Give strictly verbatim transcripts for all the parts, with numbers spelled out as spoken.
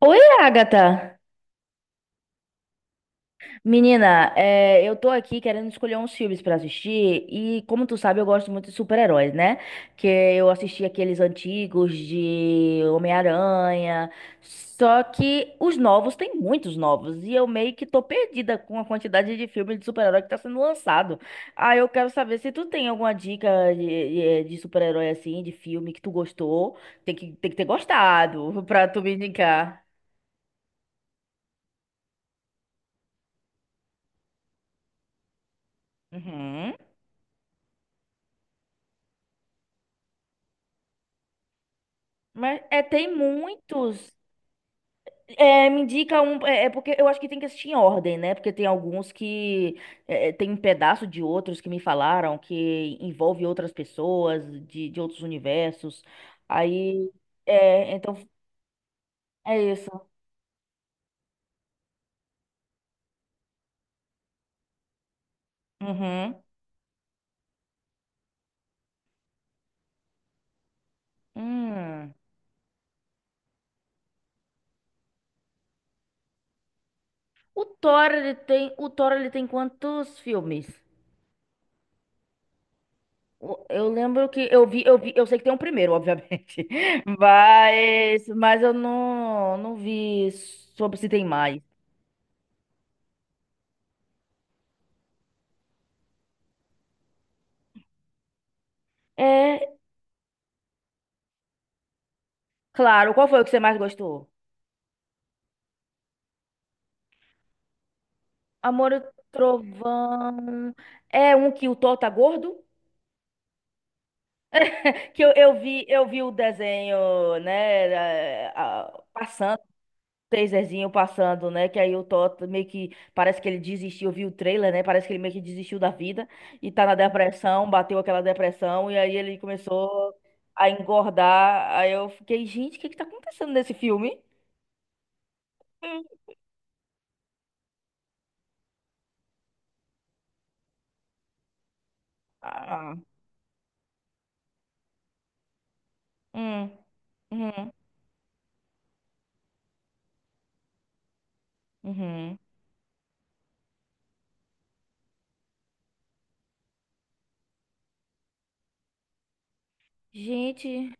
Oi, Agatha! Menina, é, eu tô aqui querendo escolher uns filmes pra assistir e, como tu sabe, eu gosto muito de super-heróis, né? Que eu assisti aqueles antigos de Homem-Aranha, só que os novos, tem muitos novos, e eu meio que tô perdida com a quantidade de filmes de super-herói que tá sendo lançado. Aí eu quero saber se tu tem alguma dica de, de- de super-herói assim, de filme que tu gostou, tem que, tem que ter gostado pra tu me indicar. Uhum. Mas é, tem muitos. É, me indica um. É, é porque eu acho que tem que assistir em ordem, né? Porque tem alguns que é, é, tem um pedaço de outros que me falaram que envolve outras pessoas de, de outros universos. Aí. É, então é isso. Uhum. Hum. O Thor, ele tem, o Thor, ele tem quantos filmes? O- Eu lembro que eu vi, eu vi, eu sei que tem um primeiro, obviamente, mas, mas eu não, não vi sobre se tem mais. É, claro. Qual foi o que você mais gostou? Amor, e Trovão. É um que o Thor tá gordo? Que eu, eu vi, eu vi o desenho, né? a- a- Passando, o taserzinho passando, né? Que aí o Thor meio que parece que ele desistiu. Eu vi o trailer, né? Parece que ele meio que desistiu da vida e tá na depressão, bateu aquela depressão, e aí ele começou a engordar. Aí eu fiquei, gente, o que que tá acontecendo nesse filme? Hum. Ah, hum, uhum, uhum. Gente.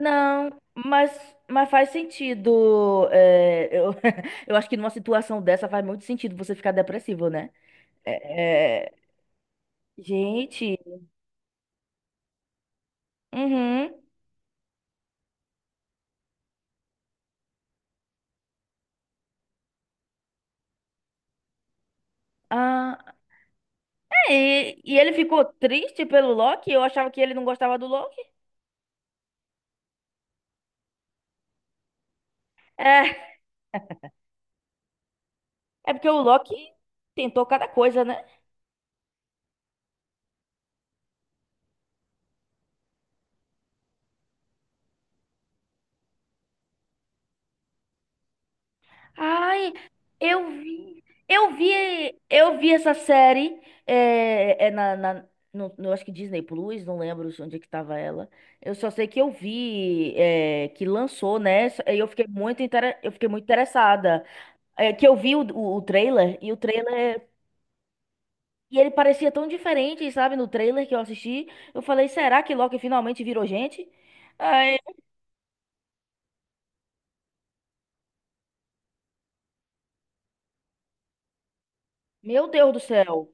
Não, mas, mas faz sentido. é, eu, eu acho que numa situação dessa faz muito sentido você ficar depressivo, né? É, é, gente, uhum, ah, é, e, e ele ficou triste pelo Loki? Eu achava que ele não gostava do Loki. É, é porque o Loki tentou cada coisa, né? Ai, eu vi, eu vi, eu vi essa série é, é na, na no, no- acho que Disney Plus, não lembro onde é que tava ela. Eu só sei que eu vi é, que lançou, né? E eu fiquei muito intere- eu fiquei muito interessada. É, que eu vi o, o, o trailer e o trailer e ele parecia tão diferente, sabe? No trailer que eu assisti, eu falei, será que Loki finalmente virou gente? Ai, meu Deus do céu.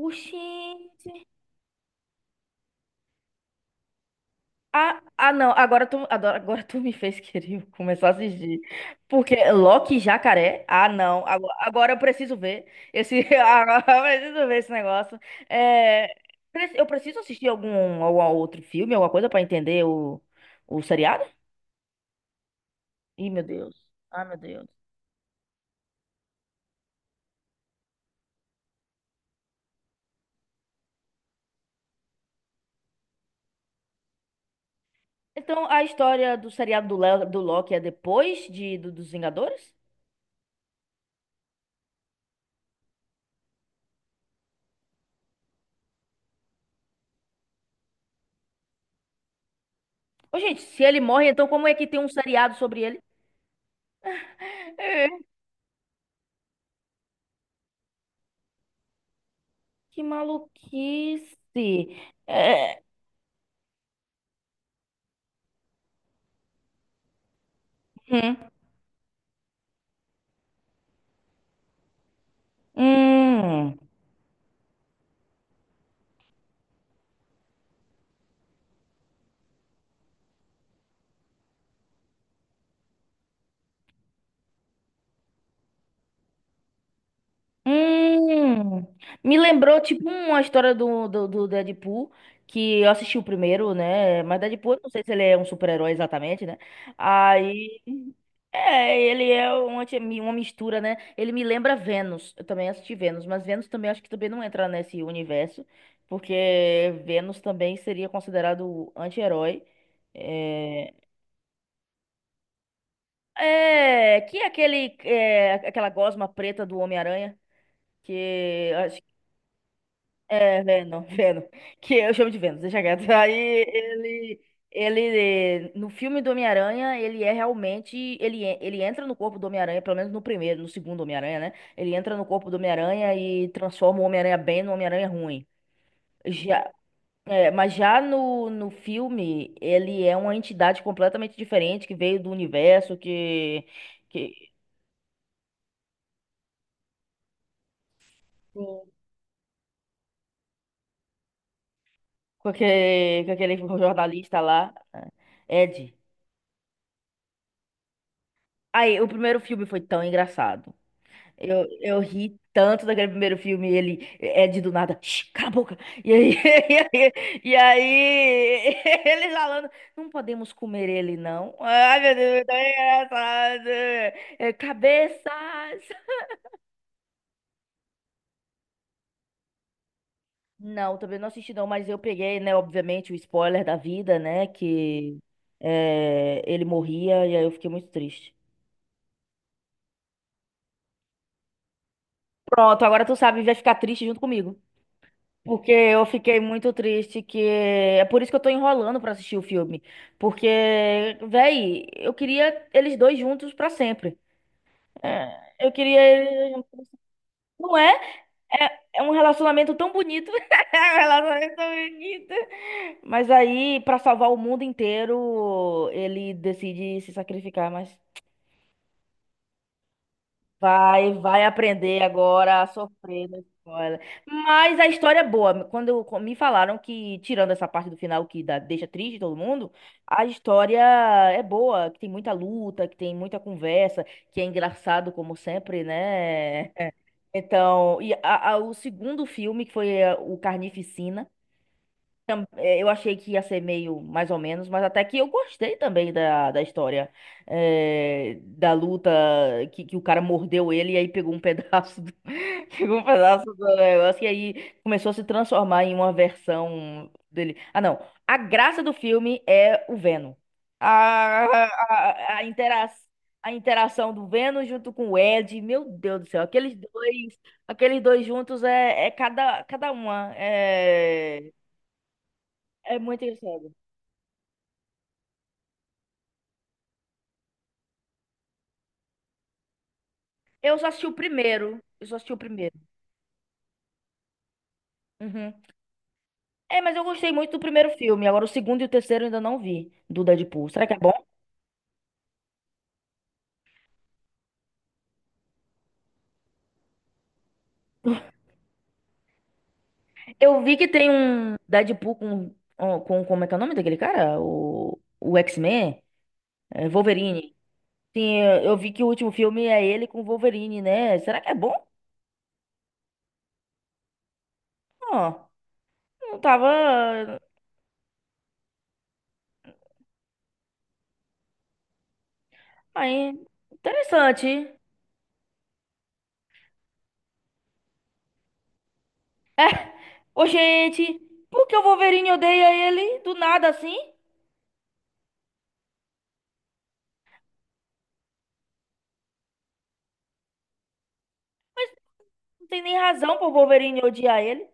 Oxi. Ah, ah, não, agora tu, adora- agora, tu me fez querer começar a assistir. Porque Loki e Jacaré? Ah, não, agora, agora eu preciso ver esse, agora eu preciso ver esse negócio. É, pre- eu preciso assistir algum, algum outro filme, alguma coisa pra entender o, o seriado? Ih, meu Deus. Ah, meu Deus. Então, a história do seriado do, Léo- do Loki é depois de, do- dos Vingadores? Ô, gente, se ele morre, então como é que tem um seriado sobre ele? É. Que maluquice. É, hum, hum, hum. Me lembrou, tipo, uma história do, do, do Deadpool, que eu assisti o primeiro, né? Mas Deadpool, eu não sei se ele é um super-herói exatamente, né? Aí, é, ele é uma, ti- uma mistura, né? Ele me lembra Vênus. Eu também assisti Vênus, mas Vênus também acho que também não entra nesse universo, porque Vênus também seria considerado anti-herói. É, é, que é aquele, é, aquela gosma preta do Homem-Aranha que... É, Venom, Venom. Que eu chamo de Venom, deixa quieto. Aí ele, ele, no filme do Homem-Aranha, ele é realmente, ele, en- ele entra no corpo do Homem-Aranha, pelo menos no primeiro, no segundo Homem-Aranha, né? Ele entra no corpo do Homem-Aranha e transforma o Homem-Aranha bem no Homem-Aranha ruim. Já, é, mas já no, no filme, ele é uma entidade completamente diferente, que veio do universo, que, que, com aquele, com aquele jornalista lá, né? Ed. Aí, o primeiro filme foi tão engraçado. Eu, eu ri tanto daquele primeiro filme, ele é de do nada, "Shh, cala a boca." E aí, e aí, ele falando, não podemos comer ele, não. Ai, meu Deus, então é tão engraçado. É, Cabeças! Não, também não assisti não, mas eu peguei, né, obviamente, o spoiler da vida, né, que é, ele morria, e aí eu fiquei muito triste. Pronto, agora tu sabe, vai ficar triste junto comigo. Porque eu fiquei muito triste, que é por isso que eu tô enrolando pra assistir o filme, porque véi, eu queria eles dois juntos pra sempre. É, eu queria eles juntos. Não é? É, é um relacionamento tão bonito. É um relacionamento tão bonito. Mas aí, pra salvar o mundo inteiro, ele decide se sacrificar, mas... Vai, vai aprender agora a sofrer na escola. Mas a história é boa. Quando co- me falaram que, tirando essa parte do final que dá- deixa triste todo mundo, a história é boa, que tem muita luta, que tem muita conversa, que é engraçado como sempre, né? Então, e a- a- o segundo filme, que foi eh, o Carnificina... Tam- é, eu achei que ia ser meio mais ou menos, mas até que eu gostei também da, da história. É, da luta que, que o cara mordeu ele e aí pegou um pedaço do, pegou um pedaço do negócio e aí começou a se transformar em uma versão dele. Ah, não. A graça do filme é o Venom. A, a, a, intera a interação do Venom junto com o Ed, meu Deus do céu, aqueles dois, aqueles dois juntos é, é cada, cada uma. É, é muito engraçado. Eu só assisti o primeiro. Eu só assisti o primeiro. Uhum. É, mas eu gostei muito do primeiro filme. Agora o segundo e o terceiro eu ainda não vi do Deadpool. Será que é bom? Eu vi que tem um Deadpool com, com, com- como é que é o nome daquele cara? O, o X-Men? É, Wolverine. Sim, eu eu vi que o último filme é ele com o Wolverine, né? Será que é bom? Ó, não tava. Aí, interessante. Ô, gente, por que o Wolverine odeia ele do nada assim? Não tem nem razão pro Wolverine odiar ele.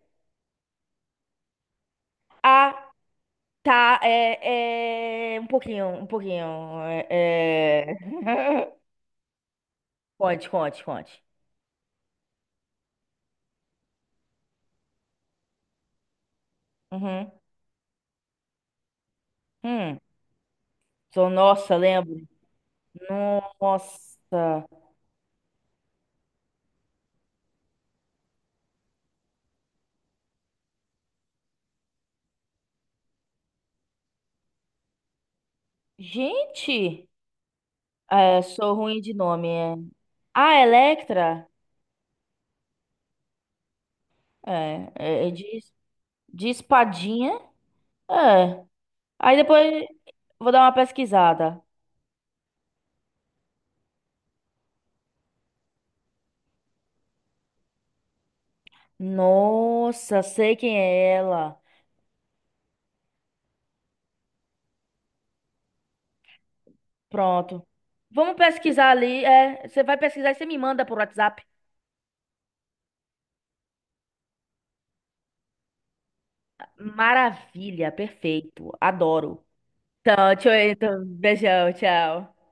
Ah, tá. É, é... Um pouquinho, um pouquinho. É... é. Conte, conte, conte. Uhum. Hum. Sou, nossa, lembro. Nossa. Gente, é, sou ruim de nome. É. Ah, Electra? É, é, é de, de espadinha. É. Aí depois vou dar uma pesquisada. Nossa, sei quem é ela. Pronto. Vamos pesquisar ali. É, você vai pesquisar e você me manda por WhatsApp. Maravilha, perfeito. Adoro. Então, tchau, então, beijão, tchau.